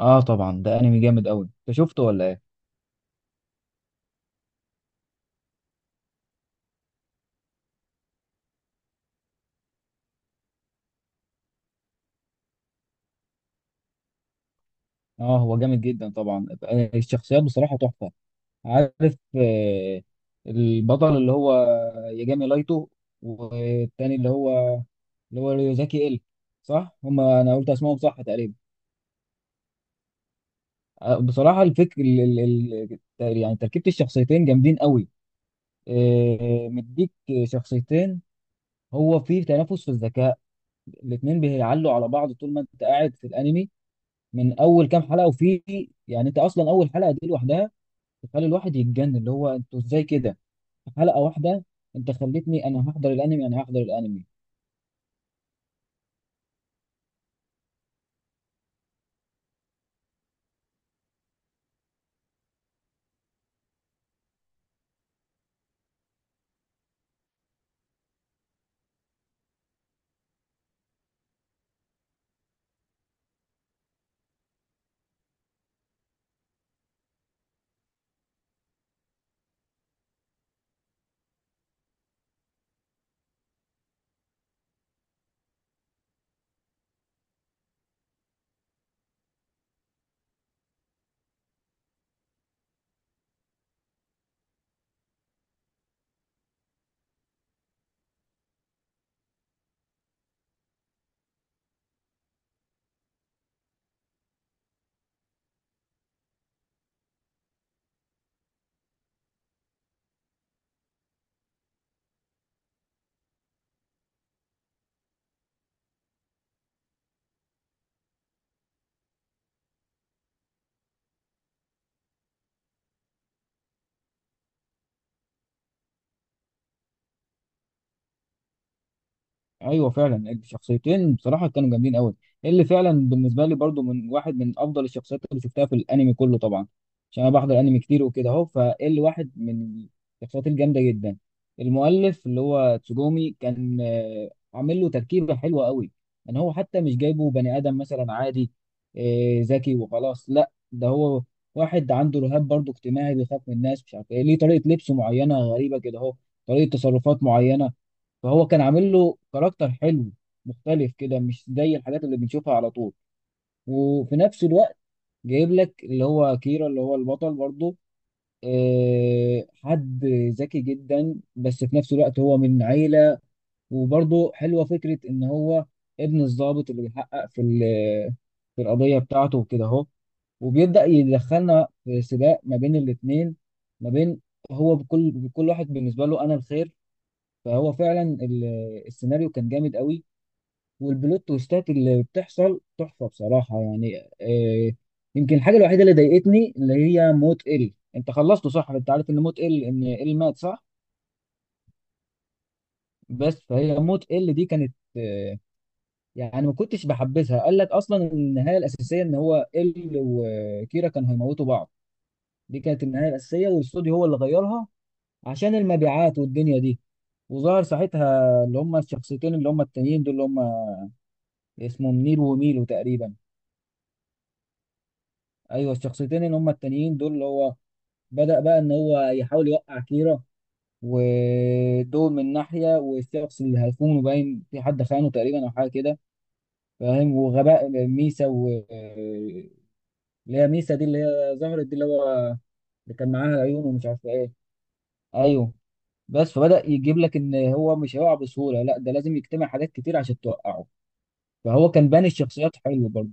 اه طبعا ده انمي جامد قوي. انت شفته ولا ايه؟ اه هو جامد جدا طبعا، الشخصيات بصراحه تحفه. عارف؟ البطل اللي هو ياجامي لايتو، والتاني اللي هو ريوزاكي. صح، هما انا قلت اسمهم صح تقريبا. بصراحه الفكر ال... ال... ال... يعني تركيبه الشخصيتين جامدين قوي. مديك شخصيتين. هو فيه تنافس في الذكاء، الاتنين بيعلوا على بعض طول ما انت قاعد في الانمي. من اول كام حلقه، وفي يعني انت اصلا اول حلقه دي لوحدها تخلي الواحد يتجنن، اللي هو انتوا ازاي كده في حلقه واحده؟ انت خلتني انا هحضر الانمي، انا هحضر الانمي. ايوه فعلا الشخصيتين بصراحه كانوا جامدين قوي. اللي فعلا بالنسبه لي برضو من واحد من افضل الشخصيات اللي شفتها في الانمي كله طبعا، عشان انا بحضر انمي كتير وكده اهو. فاللي واحد من الشخصيات الجامده جدا، المؤلف اللي هو تسوجومي كان عامل له تركيبه حلوه قوي. ان هو حتى مش جايبه بني ادم مثلا عادي ذكي وخلاص، لا ده هو واحد عنده رهاب برضو اجتماعي، بيخاف من الناس، مش عارف ايه ليه، طريقه لبسه معينه غريبه كده اهو، طريقه تصرفات معينه. فهو كان عامل له كاركتر حلو، مختلف كده مش زي الحاجات اللي بنشوفها على طول. وفي نفس الوقت جايب لك اللي هو كيرا اللي هو البطل برضه، حد ذكي جدا، بس في نفس الوقت هو من عيلة. وبرضه حلوة فكرة إن هو ابن الضابط اللي بيحقق في في القضية بتاعته وكده أهو. وبيبدأ يدخلنا في سباق ما بين الاتنين، ما بين هو بكل واحد بالنسبة له أنا الخير. فهو فعلا السيناريو كان جامد قوي، والبلوت تويستات اللي بتحصل تحفه بصراحه يعني آه. يمكن الحاجه الوحيده اللي ضايقتني اللي هي موت ال. انت خلصته صح؟ انت عارف ان موت ال، ان ال مات صح؟ بس فهي موت ال دي كانت آه، يعني ما كنتش بحبذها. قال لك اصلا النهايه الاساسيه ان هو ال وكيرا كانوا هيموتوا بعض، دي كانت النهايه الاساسيه، والاستوديو هو اللي غيرها عشان المبيعات والدنيا دي. وظهر ساعتها اللي هم الشخصيتين اللي هم التانيين دول اللي هم اسمهم نيل وميلو تقريبا. ايوه الشخصيتين اللي هم التانيين دول اللي هو بدأ بقى ان هو يحاول يوقع كيرا. ودول من ناحية، والشخص اللي هيخونه باين، في حد خانه تقريبا او حاجة كده فاهم، وغباء ميسا. و اللي هي ميسا دي اللي هي ظهرت دي اللي هو اللي كان معاها العيون ومش عارف ايه. ايوه. بس فبدأ يجيب لك ان هو مش هيقع بسهولة، لا ده لازم يجتمع حاجات كتير عشان توقعه. فهو كان باني الشخصيات حلو برضه.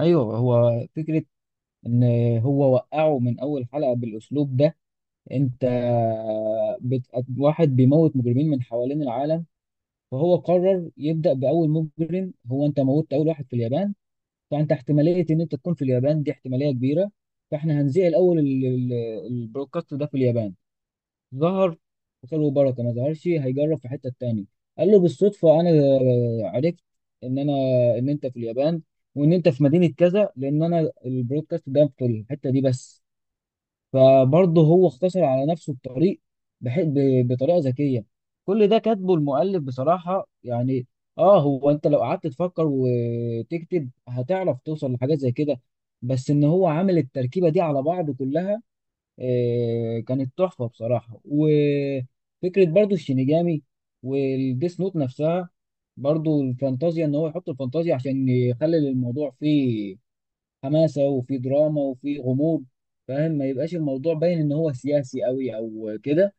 ايوه هو فكرة ان هو وقعه من اول حلقة بالاسلوب ده. انت بت... واحد بيموت مجرمين من حوالين العالم، فهو قرر يبدأ بأول مجرم. هو انت موتت أول واحد في اليابان، فأنت احتمالية ان انت تكون في اليابان دي احتمالية كبيرة. فاحنا هنذيع الأول البرودكاست ده في اليابان. ظهر وخير وبركة، ما ظهرش هيجرب في حتة تاني. قال له: بالصدفة أنا عرفت إن أنا، إن أنت في اليابان، وإن أنت في مدينة كذا، لأن أنا البرودكاست ده في الحتة دي بس. فبرضه هو اختصر على نفسه الطريق بطريقه ذكيه. كل ده كاتبه المؤلف بصراحه يعني. اه هو انت لو قعدت تفكر وتكتب هتعرف توصل لحاجات زي كده، بس ان هو عامل التركيبه دي على بعض كلها آه، كانت تحفه بصراحه. وفكره برضه الشينيجامي والديس نوت نفسها، برضه الفانتازيا، ان هو يحط الفانتازيا عشان يخلي الموضوع فيه حماسه، وفي دراما، وفي غموض. فاهم، ما يبقاش الموضوع باين ان هو سياسي قوي او كده.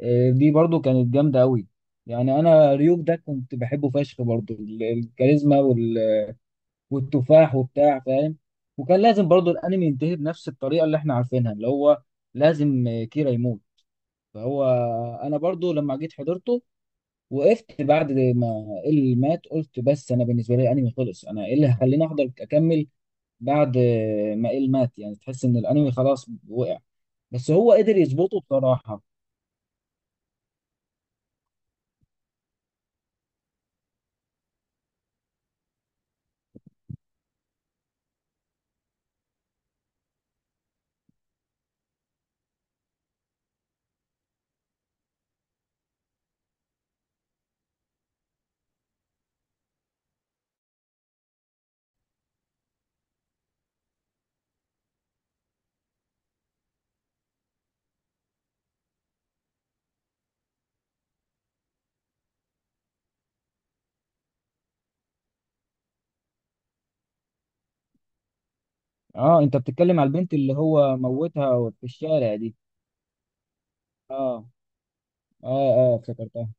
دي برضو كانت جامده قوي. يعني انا ريوك ده كنت بحبه فشخ، برضو الكاريزما والتفاح وبتاع فاهم. وكان لازم برضو الانمي ينتهي بنفس الطريقه اللي احنا عارفينها، اللي هو لازم كيرا يموت. فهو انا برضو لما جيت حضرته، وقفت بعد ما اللي مات قلت بس انا بالنسبه لي الانمي خلص، انا ايه اللي هيخليني احضر اكمل بعد ما إيل مات؟ يعني تحس ان الانمي خلاص وقع. بس هو قدر يظبطه بصراحة. اه انت بتتكلم على البنت اللي هو موتها في الشارع دي؟ اه اه. اه افتكرتها.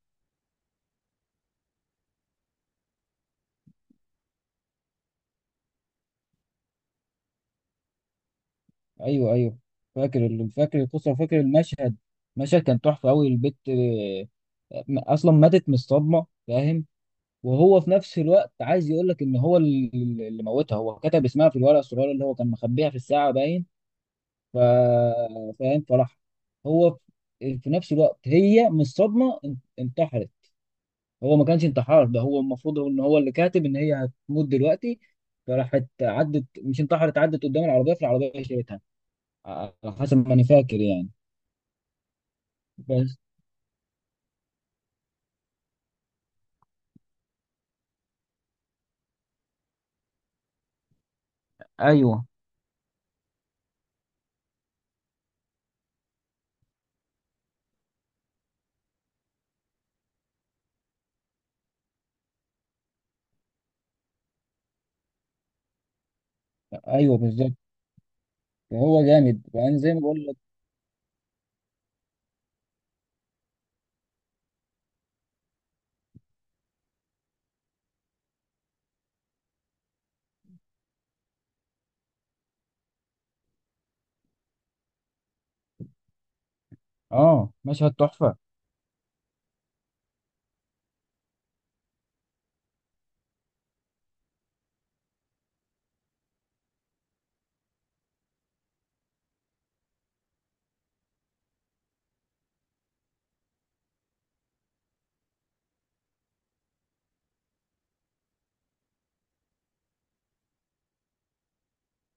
ايوه ايوه، فاكر فاكر القصة وفاكر المشهد. المشهد كان تحفة قوي. البت آه، اصلا ماتت من الصدمة فاهم. وهو في نفس الوقت عايز يقول لك ان هو اللي موتها، هو كتب اسمها في الورقة الصغيرة اللي هو كان مخبيها في الساعة باين. ف... فاهم. فراح هو في في نفس الوقت هي من الصدمه انتحرت. هو ما كانش انتحار ده، هو المفروض هو ان هو اللي كاتب ان هي هتموت دلوقتي. فراحت عدت، مش انتحرت، عدت قدام العربيه، في العربيه شالتها، على حسب ما انا فاكر يعني. بس ايوه ايوه بالظبط. هو جامد يعني زي ما بقول لك. اه مشهد تحفه.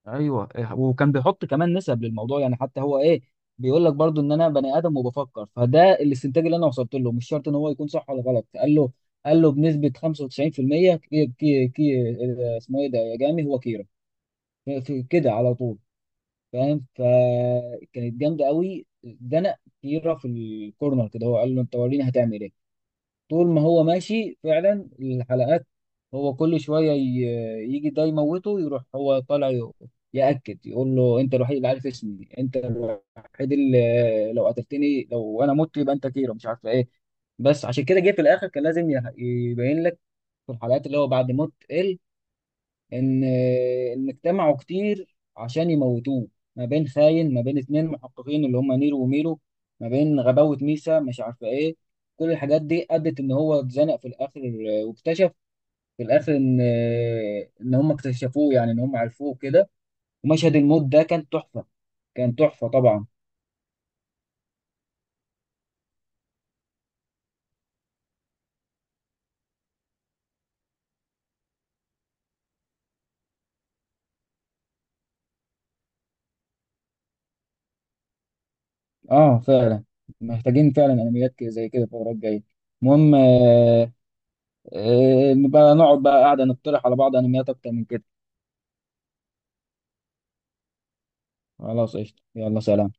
ايوه وكان بيحط كمان نسب للموضوع يعني. حتى هو ايه، بيقول لك برضو ان انا بني ادم وبفكر، فده الاستنتاج اللي انا وصلت له، مش شرط ان هو يكون صح ولا غلط. قال له، قال له بنسبه 95% كي كي كي اسمه ايه ده، يا جامي هو كيرا، في في كده على طول فاهم. فكانت جامده قوي. ده انا كيرا في الكورنر كده، هو قال له انت وريني هتعمل ايه. طول ما هو ماشي فعلا الحلقات، هو كل شوية يجي ده يموته يروح هو طالع يأكد، يقول له انت الوحيد اللي عارف اسمي، انت الوحيد اللي لو قتلتني لو انا مت يبقى انت كيرو مش عارف ايه. بس عشان كده جه في الاخر كان لازم يبين لك في الحلقات اللي هو بعد موت ان اجتمعوا كتير عشان يموتوه. ما بين خاين، ما بين اتنين محققين اللي هم نيرو وميرو، ما بين غباوة ميسا مش عارفة ايه، كل الحاجات دي ادت ان هو اتزنق في الاخر. واكتشف في الاخر ان ان هم اكتشفوه، يعني ان هم عرفوه كده. ومشهد الموت ده كان تحفة، كان تحفة طبعا. اه فعلا، محتاجين فعلا انميات زي كده الفترة الجاية. المهم نبقى نقعد بقى قاعدة نقترح على بعض انميات اكتر من كده. خلاص قشطة، يلا سلام.